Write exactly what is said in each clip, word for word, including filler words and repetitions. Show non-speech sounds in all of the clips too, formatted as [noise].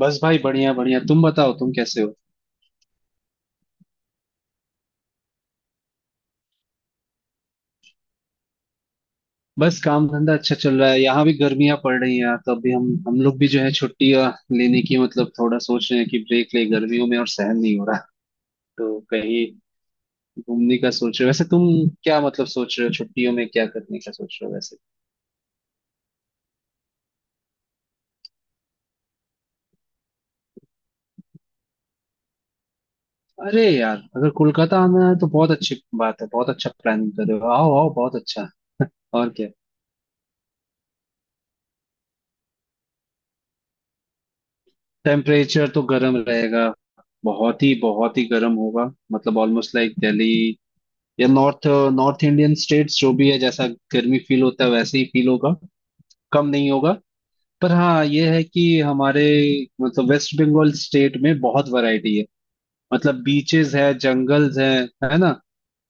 बस भाई, बढ़िया बढ़िया। तुम बताओ, तुम कैसे हो? बस, काम धंधा अच्छा चल रहा है। यहाँ भी गर्मियां पड़ रही हैं यार, तो अभी हम हम लोग भी जो है छुट्टियां लेने की मतलब थोड़ा सोच रहे हैं कि ब्रेक ले गर्मियों में, और सहन नहीं हो रहा। तो कहीं घूमने का सोच रहे हो वैसे तुम? क्या मतलब सोच रहे हो छुट्टियों में, क्या करने का सोच रहे हो वैसे? अरे यार, अगर कोलकाता आना है तो बहुत अच्छी बात है। बहुत अच्छा प्लानिंग कर रहे हो। आओ आओ, बहुत अच्छा। और क्या, टेम्परेचर तो गर्म रहेगा। बहुत ही बहुत ही गर्म होगा, मतलब ऑलमोस्ट लाइक दिल्ली या नॉर्थ नॉर्थ इंडियन स्टेट्स जो भी है, जैसा गर्मी फील होता है वैसे ही फील होगा, कम नहीं होगा। पर हाँ, ये है कि हमारे मतलब वेस्ट बंगाल स्टेट में बहुत वैरायटी है, मतलब बीचेस है, जंगल्स है है ना,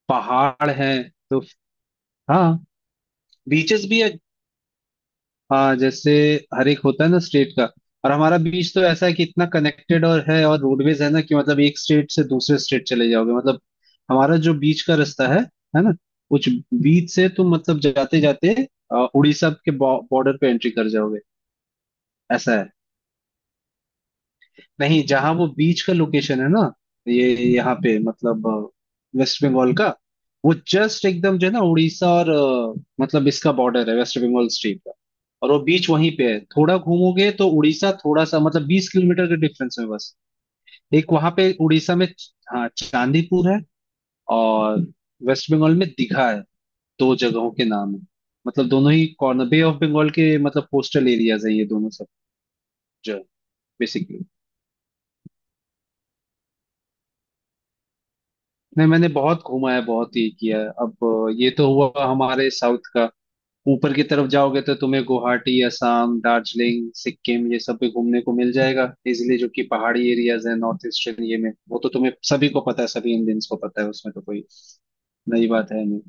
पहाड़ है, तो हाँ बीचेस भी है। हाँ जैसे, हर एक होता है ना स्टेट का, और हमारा बीच तो ऐसा है कि इतना कनेक्टेड और है, और रोडवेज है ना कि मतलब एक स्टेट से दूसरे स्टेट चले जाओगे, मतलब हमारा जो बीच का रास्ता है है ना, कुछ बीच से तुम मतलब जाते जाते उड़ीसा के बॉर्डर पे एंट्री कर जाओगे। ऐसा है, नहीं जहाँ वो बीच का लोकेशन है ना, ये यहाँ पे मतलब वेस्ट बंगाल का, वो जस्ट एकदम जो है ना, उड़ीसा और अ, मतलब इसका बॉर्डर है वेस्ट बंगाल स्टेट का। और वो बीच वहीं पे है, थोड़ा घूमोगे तो उड़ीसा थोड़ा सा मतलब बीस किलोमीटर के डिफरेंस में बस। एक वहां पे उड़ीसा में, हाँ चांदीपुर है, और वेस्ट बंगाल में दीघा है। दो जगहों के नाम है, मतलब दोनों ही कॉर्नर बे ऑफ बंगाल के, मतलब कोस्टल एरियाज है ये दोनों, सब जो बेसिकली। नहीं, मैंने बहुत घूमा है, बहुत ये किया है अब। अ, ये तो हुआ हमारे साउथ का। ऊपर की तरफ जाओगे तो तुम्हें गुवाहाटी, असम, दार्जिलिंग, सिक्किम, ये सब भी घूमने को मिल जाएगा इजिली, जो कि पहाड़ी एरियाज है नॉर्थ ईस्टर्न ये में, वो तो तुम्हें सभी को पता है, सभी इंडियंस को पता है, उसमें तो कोई नई बात है नहीं।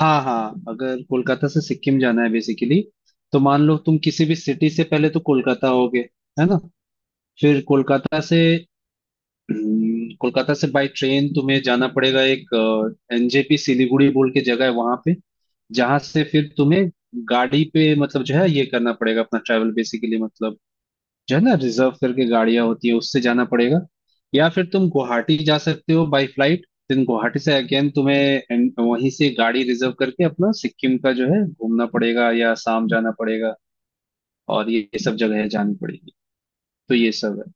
हाँ हाँ, अगर कोलकाता से सिक्किम जाना है बेसिकली, तो मान लो तुम किसी भी सिटी से पहले तो कोलकाता होगे, है ना? फिर कोलकाता से, हम्म, कोलकाता से बाय ट्रेन तुम्हें जाना पड़ेगा। एक एनजेपी सिलीगुड़ी बोल के जगह है वहां पे, जहां से फिर तुम्हें गाड़ी पे मतलब जो है ये करना पड़ेगा अपना ट्रैवल, बेसिकली मतलब जो है ना रिजर्व करके गाड़ियां होती है उससे जाना पड़ेगा। या फिर तुम गुवाहाटी जा सकते हो बाय फ्लाइट। देन गुवाहाटी से अगेन तुम्हें एन- वहीं से गाड़ी रिजर्व करके अपना सिक्किम का जो है घूमना पड़ेगा, या आसाम जाना पड़ेगा, और ये ये सब जगह जानी पड़ेगी। तो ये सब है।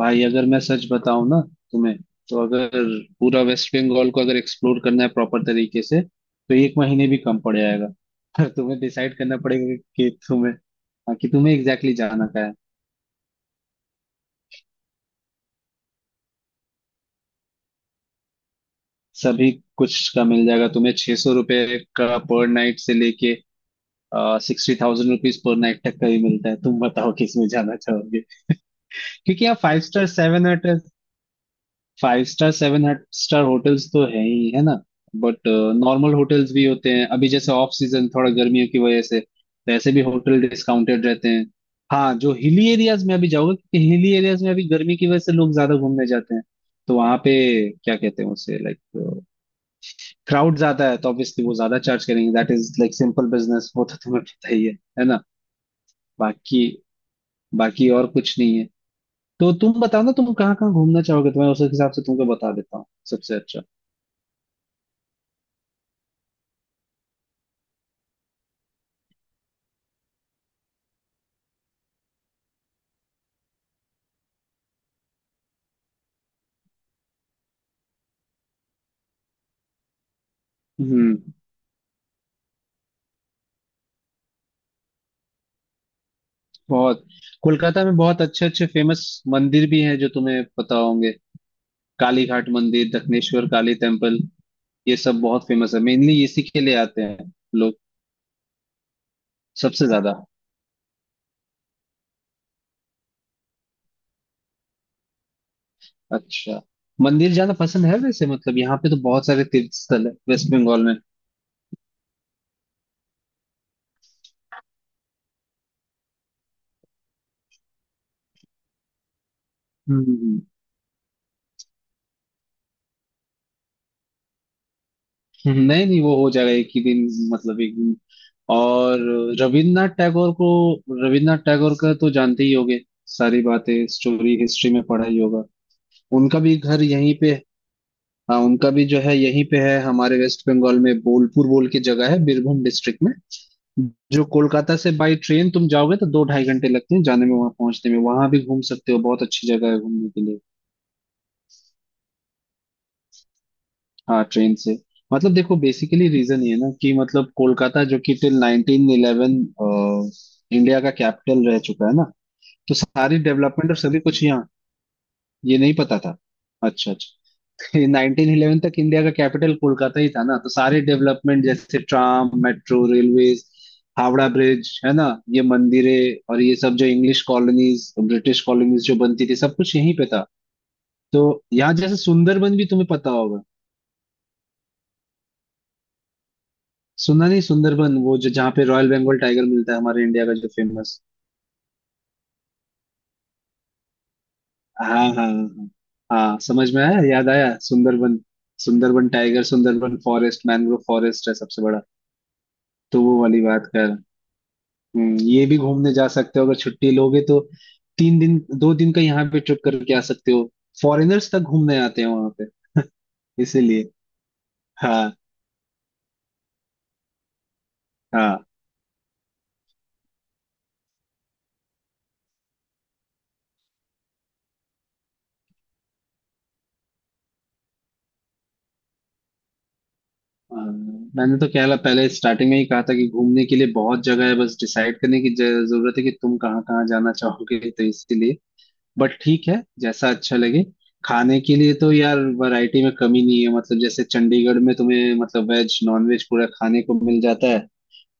भाई, अगर मैं सच बताऊं ना तुम्हें, तो अगर पूरा वेस्ट बंगाल को अगर एक्सप्लोर करना है प्रॉपर तरीके से तो एक महीने भी कम पड़ जाएगा। [laughs] पर तुम्हें डिसाइड करना पड़ेगा कि तुम्हें, हाँ, कि तुम्हें एग्जैक्टली exactly जाना क्या है। सभी कुछ का मिल जाएगा तुम्हें, छह सौ रुपये का पर नाइट से लेके sixty thousand rupees per night तक का ही मिलता है। तुम बताओ किस में जाना चाहोगे? क्योंकि यहाँ five star seven five star seven star hotels तो है ही, है ना? बट नॉर्मल होटल्स भी होते हैं। अभी जैसे ऑफ सीजन थोड़ा गर्मियों की वजह से वैसे भी होटल डिस्काउंटेड रहते हैं। हाँ, जो हिली एरियाज में अभी जाओगे, क्योंकि हिली एरियाज में अभी गर्मी की वजह से लोग ज्यादा घूमने जाते हैं, तो वहां पे क्या कहते हैं उसे, लाइक क्राउड ज्यादा है तो ऑब्वियसली वो ज्यादा चार्ज करेंगे। That is like simple business, वो तो तुम्हें पता ही है है ना? बाकी बाकी और कुछ नहीं है। तो तुम बताओ ना, तुम कहाँ कहाँ घूमना चाहोगे तो मैं उस हिसाब से तुमको बता देता हूँ सबसे अच्छा। हम्म बहुत कोलकाता में बहुत अच्छे अच्छे फेमस मंदिर भी हैं जो तुम्हें पता होंगे। काली घाट मंदिर, दक्षिणेश्वर काली टेम्पल, ये सब बहुत फेमस है, मेनली इसी के लिए आते हैं लोग सबसे ज्यादा। अच्छा, मंदिर जाना पसंद है वैसे? मतलब यहाँ पे तो बहुत सारे तीर्थ स्थल है वेस्ट बंगाल में। हम्म। नहीं नहीं, वो हो जाएगा एक ही दिन। मतलब एक दिन। और रविन्द्रनाथ टैगोर को रविन्द्रनाथ टैगोर का तो जानते ही होंगे। सारी बातें स्टोरी हिस्ट्री में पढ़ा ही होगा। उनका भी घर यहीं पे, हाँ, उनका भी जो है यहीं पे है हमारे वेस्ट बंगाल में। बोलपुर बोल के जगह है बीरभूम डिस्ट्रिक्ट में, जो कोलकाता से बाई ट्रेन तुम जाओगे तो दो ढाई घंटे लगते हैं जाने में, वहां पहुंचने में। वहां भी घूम सकते हो, बहुत अच्छी जगह है घूमने के लिए। हाँ ट्रेन से। मतलब देखो, बेसिकली रीजन ये है ना कि मतलब कोलकाता, जो कि टिल नाइनटीन इलेवन इंडिया का कैपिटल रह चुका है ना, तो सारी डेवलपमेंट और सभी कुछ यहाँ। ये नहीं पता था? अच्छा अच्छा। नाइनटीन इलेवन तक इंडिया का कैपिटल कोलकाता ही था ना, तो सारे डेवलपमेंट जैसे tram, metro, railways, Howrah bridge, है ना, ये मंदिरें और ये सब जो इंग्लिश कॉलोनीज, ब्रिटिश कॉलोनीज जो बनती थी, सब कुछ यहीं पे था। तो यहाँ जैसे सुंदरबन भी तुम्हें पता होगा। सुना नहीं? सुंदरबन, वो जो जहाँ पे रॉयल बंगाल टाइगर मिलता है, हमारे इंडिया का जो फेमस। हाँ हाँ हाँ हाँ। हाँ, समझ में आया, याद आया Sundarban. Sundarban tiger, Sundarban forest, mangrove forest है सबसे बड़ा, तो वो वाली बात कर। हम्म, ये भी घूमने जा सकते हो, अगर छुट्टी लोगे तो तीन दिन दो दिन का यहाँ पे ट्रिप करके आ सकते हो। फॉरेनर्स तक घूमने आते हैं वहां पे, इसीलिए। हाँ हाँ हाँ। मैंने तो कहला पहले स्टार्टिंग में ही कहा था कि घूमने के लिए बहुत जगह है, बस डिसाइड करने की ज- जरूरत है कि तुम कहाँ कहाँ जाना चाहोगे, तो इसीलिए। बट ठीक है, जैसा अच्छा लगे। खाने के लिए तो यार, वैरायटी में कमी नहीं है, मतलब जैसे चंडीगढ़ में तुम्हें मतलब वेज नॉन वेज पूरा खाने को मिल जाता है।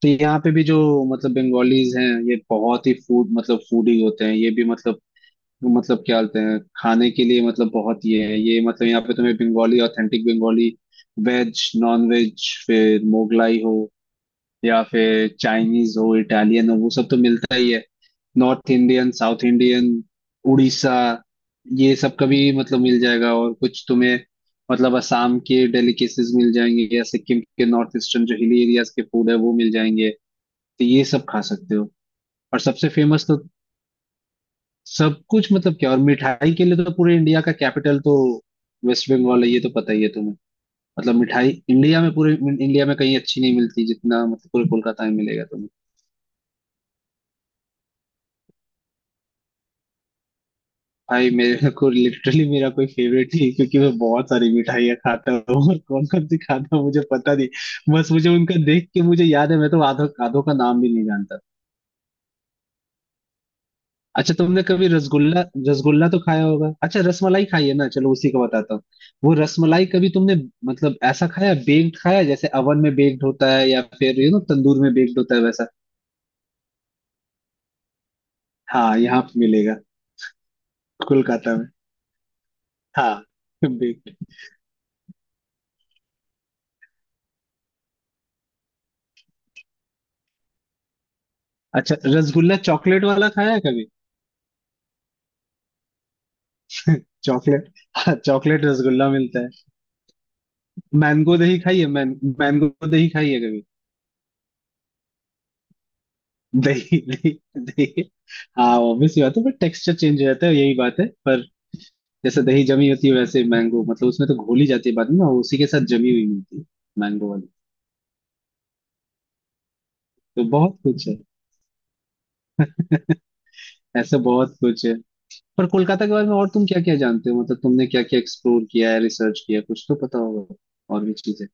तो यहाँ पे भी जो मतलब बंगालीज हैं, ये बहुत ही फूड मतलब फूडी होते हैं ये भी, मतलब मतलब क्या बोलते हैं खाने के लिए, मतलब बहुत ये है ये, मतलब यहाँ पे तुम्हें Bengali authentic Bengali veg non veg, फिर मोगलाई हो या फिर चाइनीज हो, इटालियन हो, वो सब तो मिलता ही है। North Indian, south Indian, Orissa, ये सब का भी मतलब मिल जाएगा, और कुछ तुम्हें मतलब असम के डेलिकेसीज मिल जाएंगे, या सिक्किम के नॉर्थ ईस्टर्न जो हिली एरियाज के फूड है वो मिल जाएंगे। तो ये सब खा सकते हो। और सबसे फेमस तो सब कुछ मतलब क्या। और मिठाई के लिए तो पूरे इंडिया का कैपिटल तो वेस्ट बंगाल है, ये तो पता ही है तुम्हें। मतलब मिठाई इंडिया में पूरे इंडिया में कहीं अच्छी नहीं मिलती जितना मतलब पूरे कोलकाता में मिलेगा तुम्हें। भाई मेरे को लिटरली मेरा कोई फेवरेट ही है, क्योंकि मैं बहुत सारी मिठाइयाँ खाता हूँ और कौन कौन सी खाता हूँ मुझे पता नहीं। बस मुझे उनका देख के मुझे याद है, मैं तो आधो आधो का नाम भी नहीं जानता। अच्छा, तुमने कभी रसगुल्ला रसगुल्ला तो खाया होगा। अच्छा, रसमलाई खाई है ना, चलो उसी का बताता हूँ। वो रसमलाई कभी तुमने मतलब ऐसा खाया, बेक्ड खाया, जैसे अवन में बेक्ड होता है या फिर यू नो तंदूर में बेक्ड होता है, वैसा। हाँ यहाँ पे मिलेगा कोलकाता में। हाँ बेक्ड। अच्छा, रसगुल्ला चॉकलेट वाला खाया है कभी? चॉकलेट, हाँ चॉकलेट रसगुल्ला मिलता है। मैंगो दही खाई है मैन मैंगो दही खाई है कभी? दही, दही, दही। हाँ ऑब्वियस बात है, पर टेक्सचर चेंज हो जाता है यही बात है। पर जैसे दही जमी होती है वैसे मैंगो, मतलब उसमें तो घोली जाती है बाद में ना, उसी के साथ जमी हुई मिलती है, मैंगो वाली। तो बहुत कुछ है। [laughs] ऐसा बहुत कुछ है, पर कोलकाता के बारे में और तुम क्या क्या जानते हो, मतलब तुमने क्या क्या एक्सप्लोर किया है, रिसर्च किया है, कुछ तो पता होगा और भी चीजें।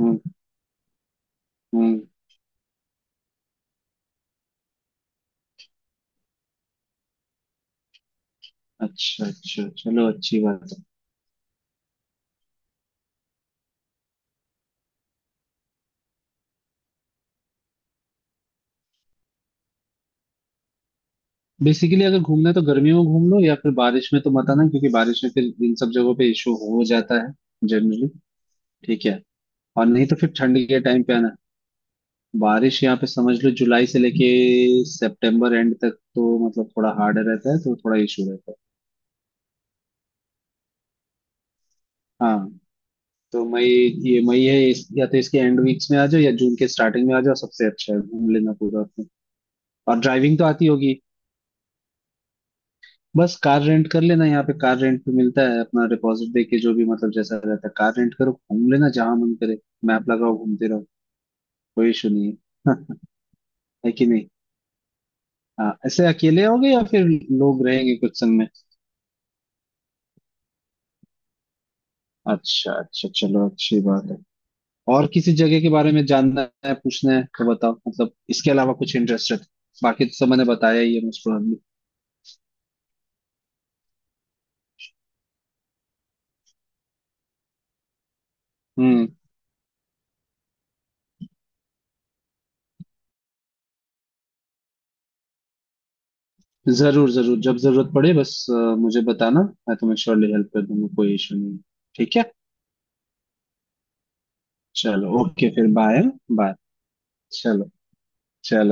हम्म हम्म। अच्छा अच्छा, चलो अच्छी बात है। बेसिकली अगर घूमना है तो गर्मियों में घूम लो या फिर बारिश में तो मत आना, क्योंकि बारिश में फिर इन सब जगहों पे इशू हो जाता है जनरली। ठीक है, और नहीं तो फिर ठंड के टाइम पे आना। बारिश यहाँ पे समझ लो जुलाई से लेके सितंबर एंड तक तो मतलब थोड़ा हार्ड रहता है, तो थोड़ा इशू रहता है। हाँ, तो मई, ये मई है इस, या तो इसके एंड वीक्स में आ जाओ या जून के स्टार्टिंग में आ जाओ, सबसे अच्छा है घूम लेना पूरा अपने। और ड्राइविंग तो आती होगी। बस कार रेंट कर लेना, यहाँ पे कार रेंट पे मिलता है, अपना डिपॉजिट दे के जो भी मतलब जैसा रहता है। कार रेंट करो, घूम लेना जहां मन करे, मैप लगाओ घूमते रहो, कोई इशू नहीं है। [laughs] है कि नहीं? हाँ, ऐसे अकेले होगे या फिर लोग रहेंगे कुछ संग में? अच्छा अच्छा, चलो अच्छी बात है। और किसी जगह के बारे में जानना है, पूछना है तो बताओ, मतलब इसके अलावा कुछ इंटरेस्टेड। बाकी तो सब मैंने बताया ही है मोस्ट प्रोबेबली। हम्म। जरूर जरूर, जब जरूरत पड़े बस अ, मुझे बताना, मैं तुम्हें श्योरली हेल्प कर दूंगा, कोई इशू नहीं। ठीक है, चलो ओके फिर बाय। बाय, चलो चलो।